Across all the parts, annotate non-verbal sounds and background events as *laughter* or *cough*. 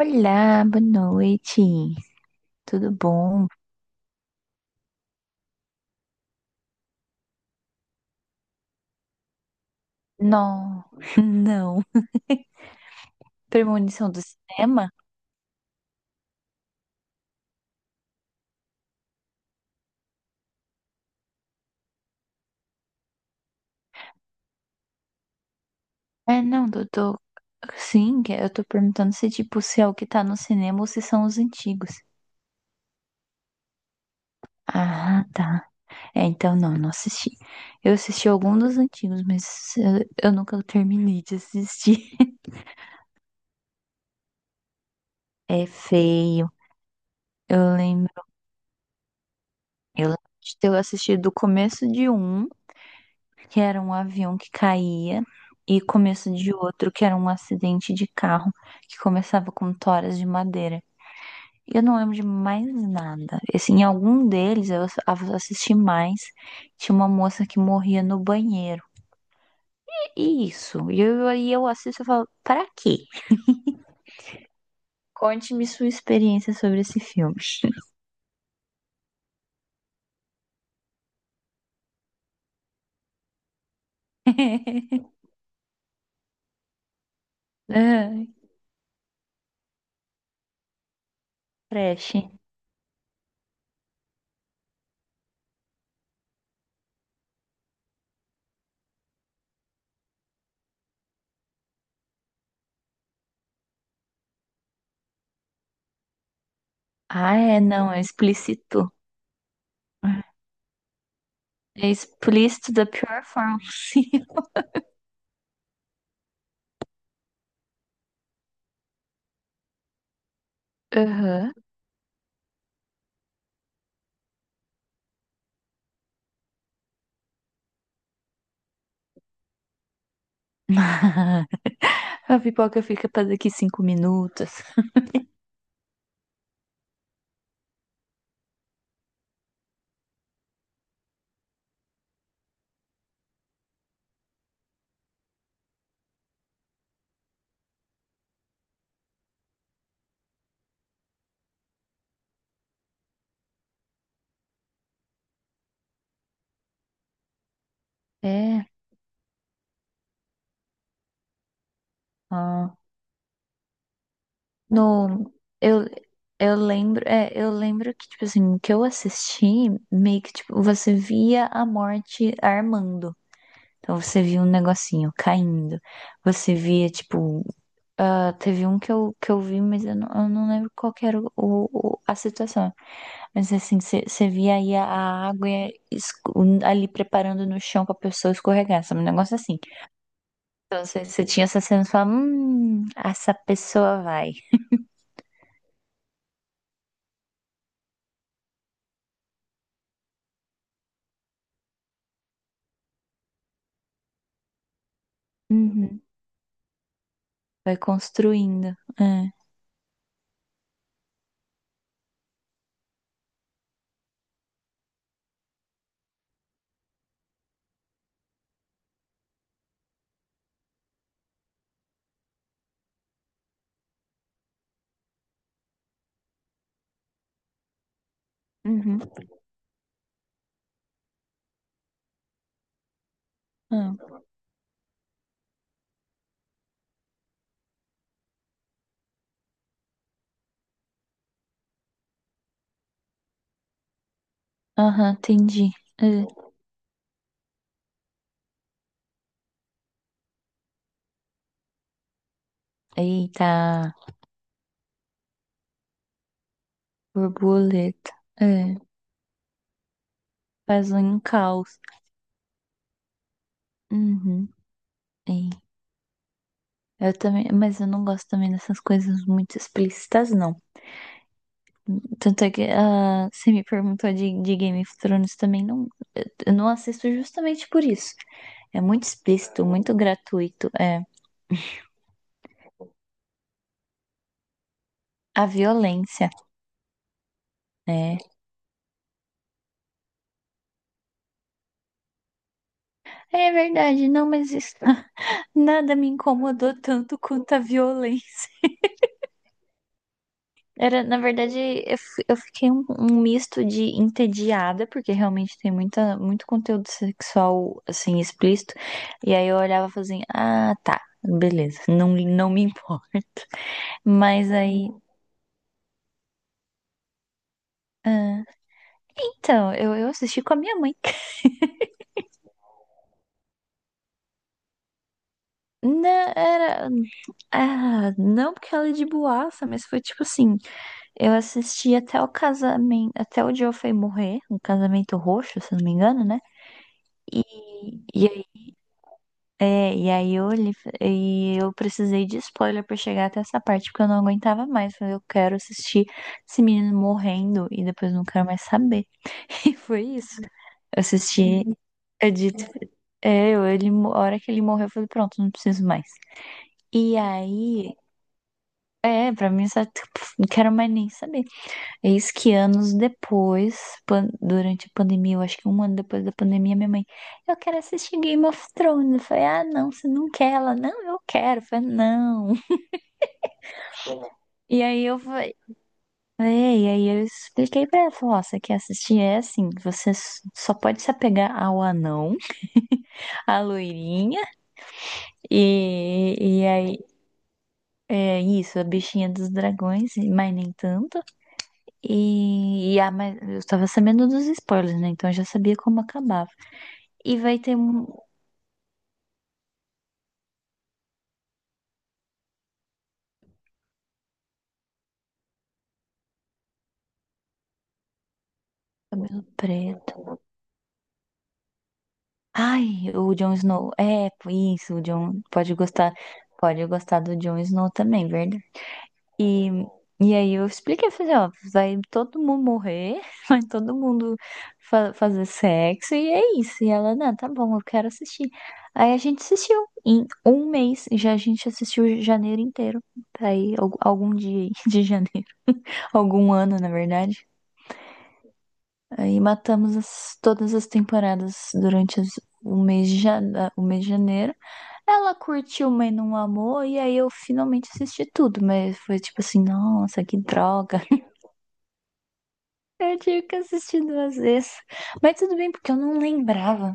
Olá, boa noite. Tudo bom? Não, *laughs* não. Premonição do cinema? É, não, eu tô. Sim, que eu tô perguntando se, tipo, se é o que tá no cinema ou se são os antigos. Ah, tá. É, então não, não assisti. Eu assisti algum dos antigos, mas eu nunca terminei de assistir. *laughs* É feio. Eu lembro, eu lembro de ter assistido o começo de um que era um avião que caía, e começo de outro, que era um acidente de carro, que começava com toras de madeira. E eu não lembro de mais nada. Assim, em algum deles eu assisti mais. Tinha uma moça que morria no banheiro. E isso. E aí eu assisto e falo, pra quê? Conte-me sua experiência sobre esse filme. *laughs* Ai, Trash. Ah, é, não, é explícito. É explícito da pior forma possível. *laughs* Aham. *laughs* A pipoca fica para daqui 5 minutos. É. ah, no, eu, eu lembro que, tipo assim, que eu assisti, meio que, tipo, você via a morte armando. Então você via um negocinho caindo. Você via, tipo, teve um que eu vi, mas eu não lembro qual que era a situação. Mas assim, você via aí a água e ali preparando no chão pra pessoa escorregar. Sabe? Um negócio assim. Então você tinha essa cena e falava, essa pessoa vai. Uhum. Vai construindo. É. Uhum. Ah, aham, entendi. É. Eita, borboleta. É. Faz um caos. Uhum. É. Eu também, mas eu não gosto também dessas coisas muito explícitas, não. Tanto é que você me perguntou de Game of Thrones também, não, eu não assisto justamente por isso. É muito explícito, muito gratuito. É. A violência, né? É verdade, não, mas *laughs* nada me incomodou tanto quanto a violência. Era, na verdade, eu fiquei um misto de entediada, porque realmente tem muita, muito conteúdo sexual, assim, explícito. E aí eu olhava e falava assim, ah, tá, beleza, não, não me *laughs* importa. Mas aí, ah, então, eu assisti com a minha mãe. *laughs* Não, era, não porque ela é de boaça, mas foi tipo assim, eu assisti até o casamento, até o Joe foi morrer, um casamento roxo, se não me engano, né? E, e, aí, e aí eu olhei e eu precisei de spoiler pra chegar até essa parte, porque eu não aguentava mais. Falei, eu quero assistir esse menino morrendo e depois não quero mais saber. *laughs* E foi isso. Eu assisti, eu dito, a hora que ele morreu, eu falei, pronto, não preciso mais. E aí, pra mim, só, tipo, não quero mais nem saber. Eis que anos depois, durante a pandemia, eu acho que um ano depois da pandemia, minha mãe, eu quero assistir Game of Thrones. Eu falei, ah, não, você não quer? Ela, não, eu quero. Eu falei, não. E aí eu falei, e aí eu expliquei pra ela, falei, ó, você quer assistir? É assim, você só pode se apegar ao anão, à loirinha, e, e, aí, é isso, a bichinha dos dragões, mas nem tanto. E, mas eu tava sabendo dos spoilers, né? Então eu já sabia como acabava. E vai ter um. Cabelo preto. Ai, o Jon Snow. É, isso, o Jon pode gostar. Pode gostar do Jon Snow também, verdade? E, e aí eu expliquei, eu falei, ó, vai todo mundo morrer, *laughs* vai todo mundo fazer sexo, e é isso. E ela, não, tá bom, eu quero assistir. Aí a gente assistiu em um mês, já a gente assistiu janeiro inteiro. Tá aí, algum dia aí *laughs* de janeiro. Algum ano, na verdade. Aí matamos todas as temporadas durante o mês de o mês de janeiro. Ela curtiu, mas não amou, e aí eu finalmente assisti tudo, mas foi tipo assim, nossa, que droga. *laughs* Eu tive que assistir duas vezes. Mas tudo bem, porque eu não lembrava.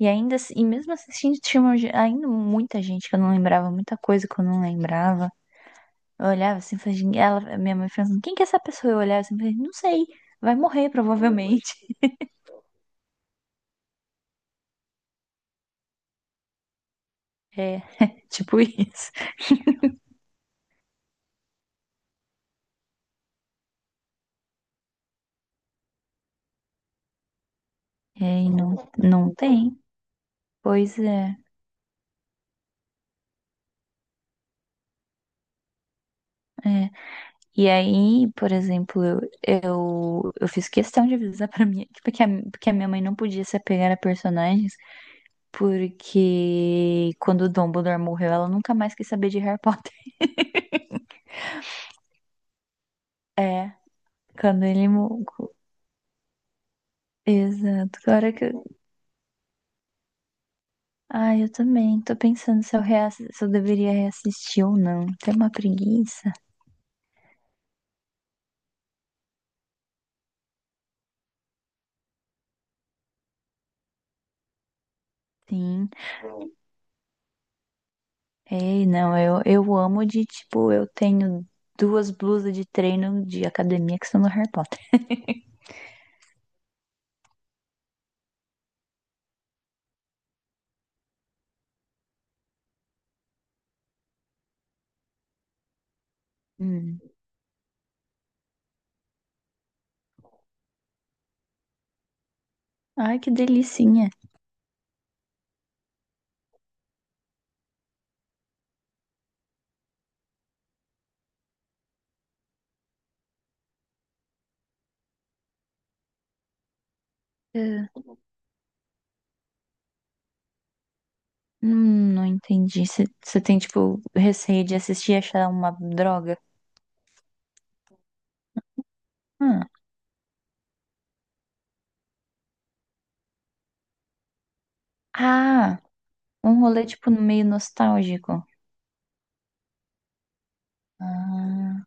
E ainda, e mesmo assistindo, tinha uma ainda muita gente que eu não lembrava, muita coisa que eu não lembrava. Eu olhava assim, falei, "Gente", ela, minha mãe falando, quem que é essa pessoa? Eu olhava assim, falei, não sei, vai morrer provavelmente. *laughs* É, *laughs* tipo isso. É, e não, não tem. Pois é, é. E aí, por exemplo, eu fiz questão de avisar pra minha, *laughs* porque que a minha mãe não podia se apegar a personagens, porque quando o Dumbledore morreu, ela nunca mais quis saber de Harry Potter. *laughs* É, quando ele morreu. Exato. Agora que eu. Ah, eu também. Tô pensando se eu deveria reassistir ou não. Tem uma preguiça. Sim. Ei, não, eu amo de, tipo, eu tenho duas blusas de treino de academia que são do Harry Potter. Hum. Ai, que delicinha. É. Não entendi. Você tem, tipo, receio de assistir e achar uma droga? Hum. Ah, um rolê, tipo, meio nostálgico. Ah,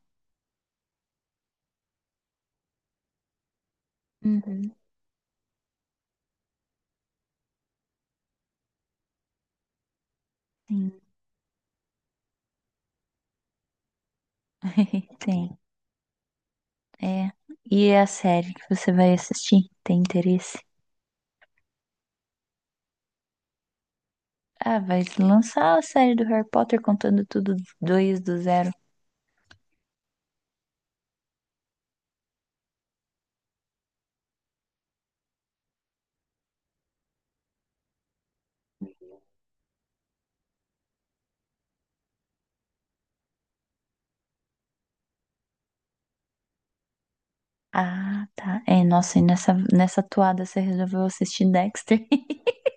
uhum, sim. *laughs* Tem, é. E a série que você vai assistir? Tem interesse? Ah, vai lançar a série do Harry Potter contando tudo dois do zero. Ah, tá. É, nossa, e nessa toada você resolveu assistir Dexter? *laughs*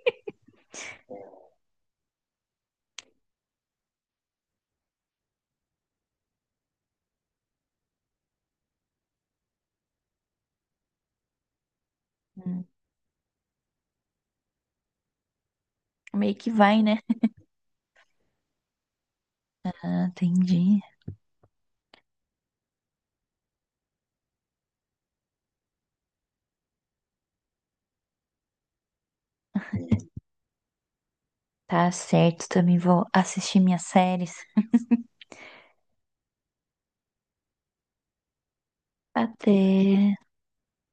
Hum, meio que vai, né? Ah, entendi. Tá certo, também vou assistir minhas séries. Até.